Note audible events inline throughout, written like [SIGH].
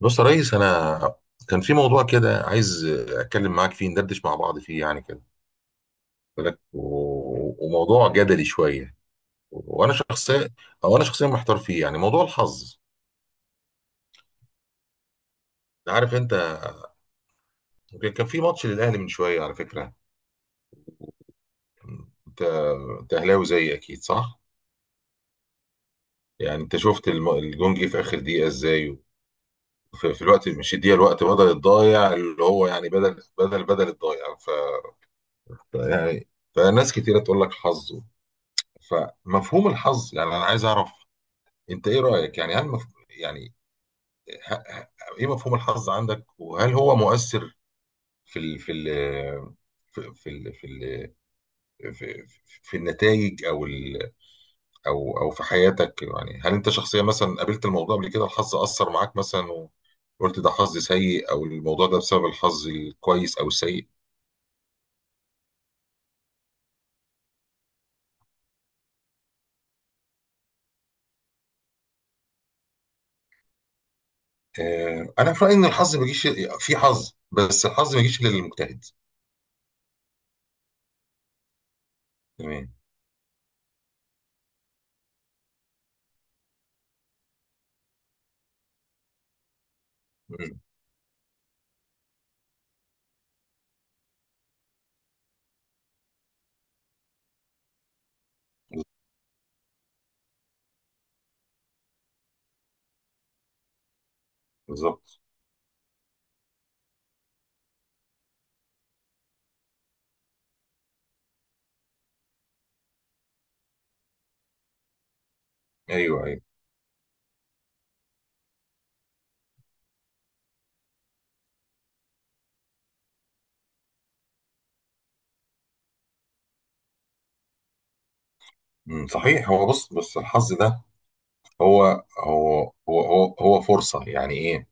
بص يا ريس، كان في موضوع كده عايز اتكلم معاك فيه، ندردش مع بعض فيه يعني كده. قلت لك و- وموضوع جدلي شويه، وانا شخصيا او انا شخصيا محتار فيه، يعني موضوع الحظ. انت عارف كان في ماتش للاهلي من شويه على فكره. انت انت اهلاوي زيي اكيد صح؟ يعني انت شفت الجون جه في اخر دقيقه ازاي، في الوقت، مش الدقيقه، الوقت بدل الضايع، اللي هو يعني بدل الضايع. ف يعني فناس كتيره تقول لك حظ. فمفهوم الحظ، يعني انا عايز اعرف انت ايه رايك. يعني هل مف... يعني ه... ه... ايه مفهوم الحظ عندك، وهل هو مؤثر في ال... في ال... في في ال... في ال... في, في النتائج او في حياتك؟ يعني هل انت شخصيا مثلا قابلت الموضوع قبل كده؟ الحظ اثر معاك مثلا وقلت ده حظ سيء، او الموضوع ده بسبب الحظ الكويس او السيء؟ انا في رايي ان الحظ ما بيجيش. في حظ، بس الحظ ما بيجيش الا للمجتهد. تمام. مم. بالظبط. ايوه ايوه. مم. صحيح. هو بص الحظ ده هو هو فرصة. يعني ايه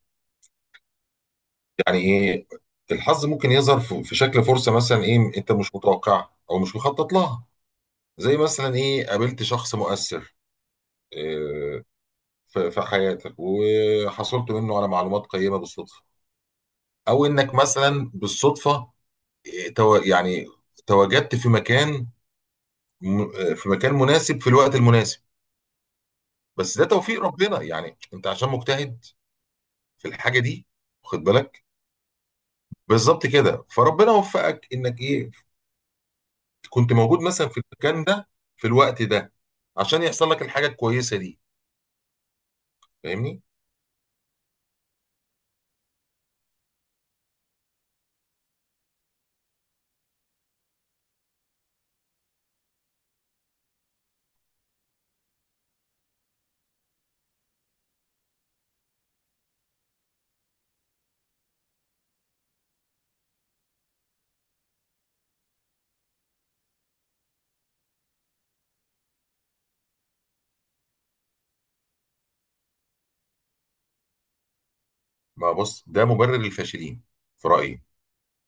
يعني ايه الحظ؟ ممكن يظهر في شكل فرصة مثلا، ايه، انت مش متوقعها او مش مخطط لها. زي مثلا ايه، قابلت شخص مؤثر إيه، في في حياتك، وحصلت منه على معلومات قيمة بالصدفة. او انك مثلا بالصدفة إيه، تو- يعني تواجدت في مكان، في مكان مناسب في الوقت المناسب. بس ده توفيق ربنا، يعني انت عشان مجتهد في الحاجة دي واخد بالك. بالظبط كده، فربنا وفقك انك ايه، كنت موجود مثلا في المكان ده في الوقت ده، عشان يحصل لك الحاجه الكويسه دي. فاهمني. ما بص ده مبرر للفاشلين في رايي،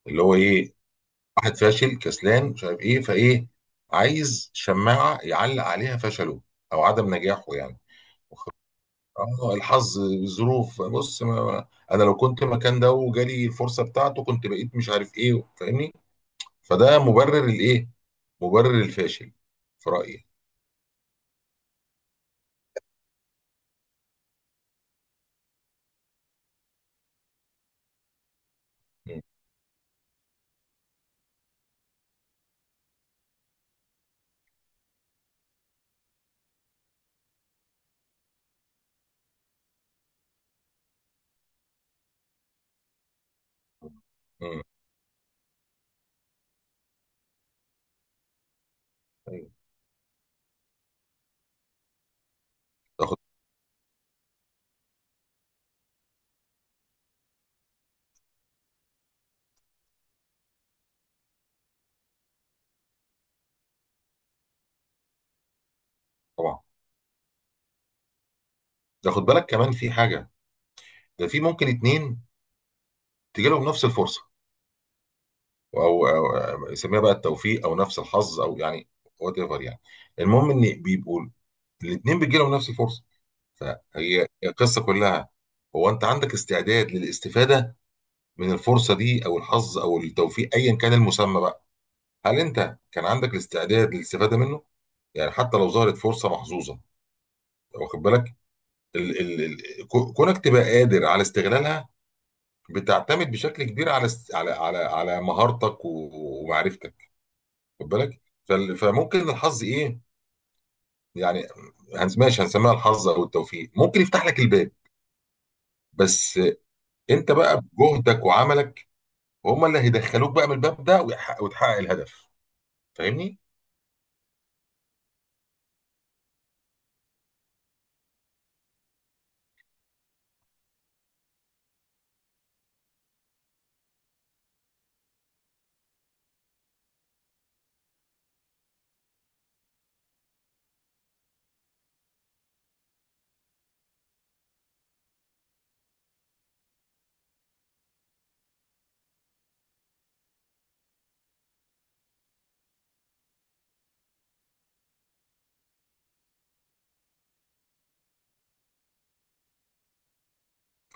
اللي هو ايه، واحد فاشل كسلان مش عارف ايه فايه، عايز شماعه يعلق عليها فشله او عدم نجاحه، يعني. اه، الحظ، الظروف، بص انا لو كنت مكان ده وجالي الفرصه بتاعته كنت بقيت مش عارف ايه. فاهمني. فده مبرر الايه، مبرر الفاشل في رايي. مم. ايوه. تاخد. طبعا تاخد بالك كمان في حاجه. ده في ممكن اتنين تجي لهم نفس الفرصه، او يسميها بقى التوفيق، او نفس الحظ، او يعني وات ايفر، يعني. المهم ان بيبقوا الاتنين بيجي لهم نفس الفرصه. فهي القصه كلها، هو انت عندك استعداد للاستفاده من الفرصه دي، او الحظ، او التوفيق، ايا كان المسمى بقى. هل انت كان عندك الاستعداد للاستفاده منه؟ يعني حتى لو ظهرت فرصه محظوظه، واخد بالك، ال ال ال كونك تبقى قادر على استغلالها بتعتمد بشكل كبير على على على مهارتك ومعرفتك. خد بالك. فممكن الحظ ايه، يعني ماشي هنسميها الحظ او التوفيق، ممكن يفتح لك الباب، بس انت بقى بجهدك وعملك هم اللي هيدخلوك بقى من الباب ده وتحقق الهدف. فاهمني.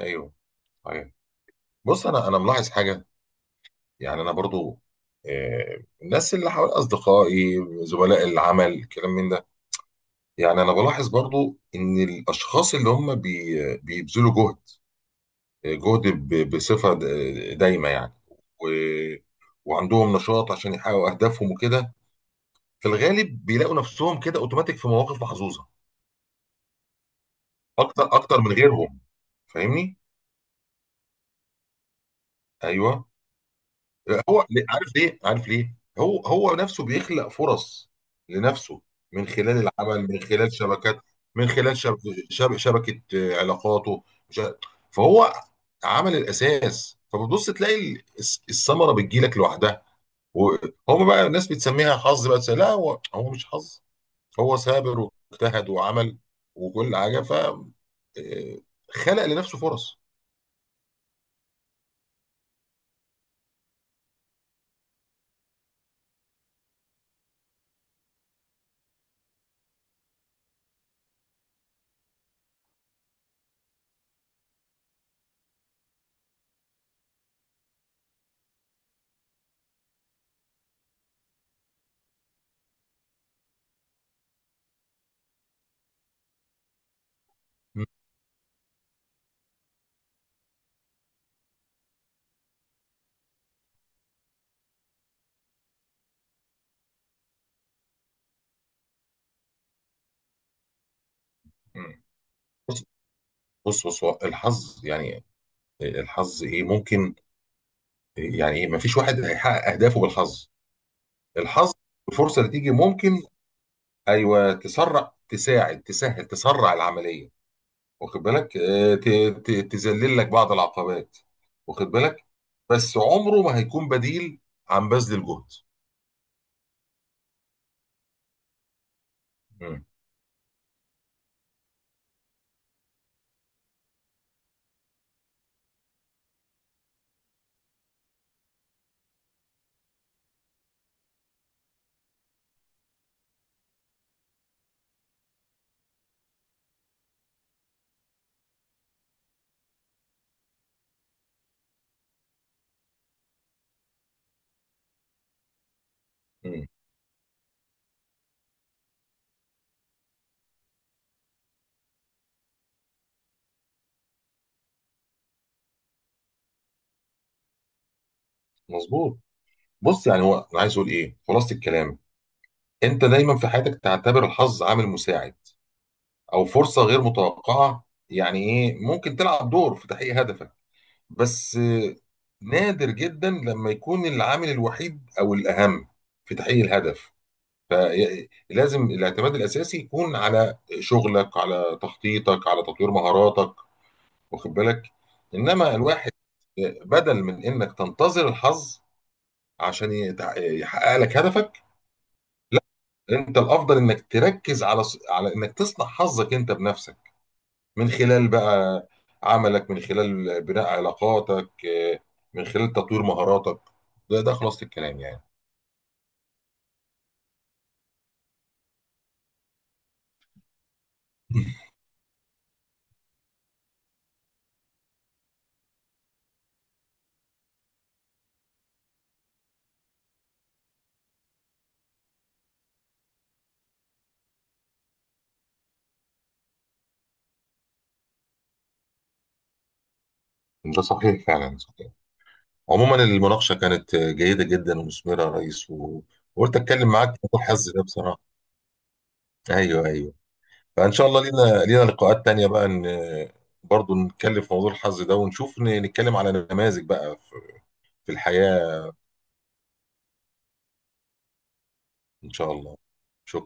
ايوه ايوه. بص انا ملاحظ حاجه. يعني انا برضو، الناس اللي حوالي، اصدقائي، زملاء العمل، الكلام من ده، يعني انا بلاحظ برضو ان الاشخاص اللي هم بيبذلوا جهد بصفة دايمة يعني، و... وعندهم نشاط عشان يحققوا أهدافهم وكده، في الغالب بيلاقوا نفسهم كده أوتوماتيك في مواقف محظوظة أكتر أكتر من غيرهم. فاهمني؟ أيوه. عارف ليه؟ عارف ليه؟ هو نفسه بيخلق فرص لنفسه، من خلال العمل، من خلال شبكات، من خلال شبكة علاقاته، مش عارف. فهو عمل الأساس، فبتبص تلاقي الثمرة بتجيلك لوحدها، وهم بقى الناس بتسميها حظ. بقى لا، هو مش حظ، هو ثابر واجتهد وعمل وكل حاجه. ف آه، خلق لنفسه فرص. م- م. بص بص هو الحظ، يعني الحظ ايه ممكن يعني ايه. ما فيش واحد هيحقق اهدافه بالحظ. الحظ، الفرصه اللي تيجي، ممكن، ايوه، تسرع، تساعد، تسهل، تسرع العمليه، واخد بالك. تذلل لك بعض العقبات، واخد بالك. بس عمره ما هيكون بديل عن بذل الجهد. مم. مم. مظبوط. بص يعني هو انا عايز اقول ايه خلاصه الكلام. انت دايما في حياتك تعتبر الحظ عامل مساعد او فرصه غير متوقعه، يعني ايه، ممكن تلعب دور في تحقيق هدفك، بس نادر جدا لما يكون العامل الوحيد او الاهم في تحقيق الهدف. فلازم الاعتماد الاساسي يكون على شغلك، على تخطيطك، على تطوير مهاراتك، واخد بالك. انما الواحد، بدل من انك تنتظر الحظ عشان يحقق لك هدفك، لا، انت الافضل انك تركز على على انك تصنع حظك انت بنفسك، من خلال بقى عملك، من خلال بناء علاقاتك، من خلال تطوير مهاراتك. ده خلاصة الكلام يعني. [LAUGHS] ده صحيح فعلا. عموما المناقشة كانت جيدة جدا ومثمرة يا ريس، وقلت أتكلم معاك في موضوع الحظ ده بصراحة. أيوه أيوه. فإن شاء الله لينا لقاءات تانية بقى، إن برضه نتكلم في موضوع الحظ ده ونشوف، نتكلم على نماذج بقى في في الحياة. إن شاء الله.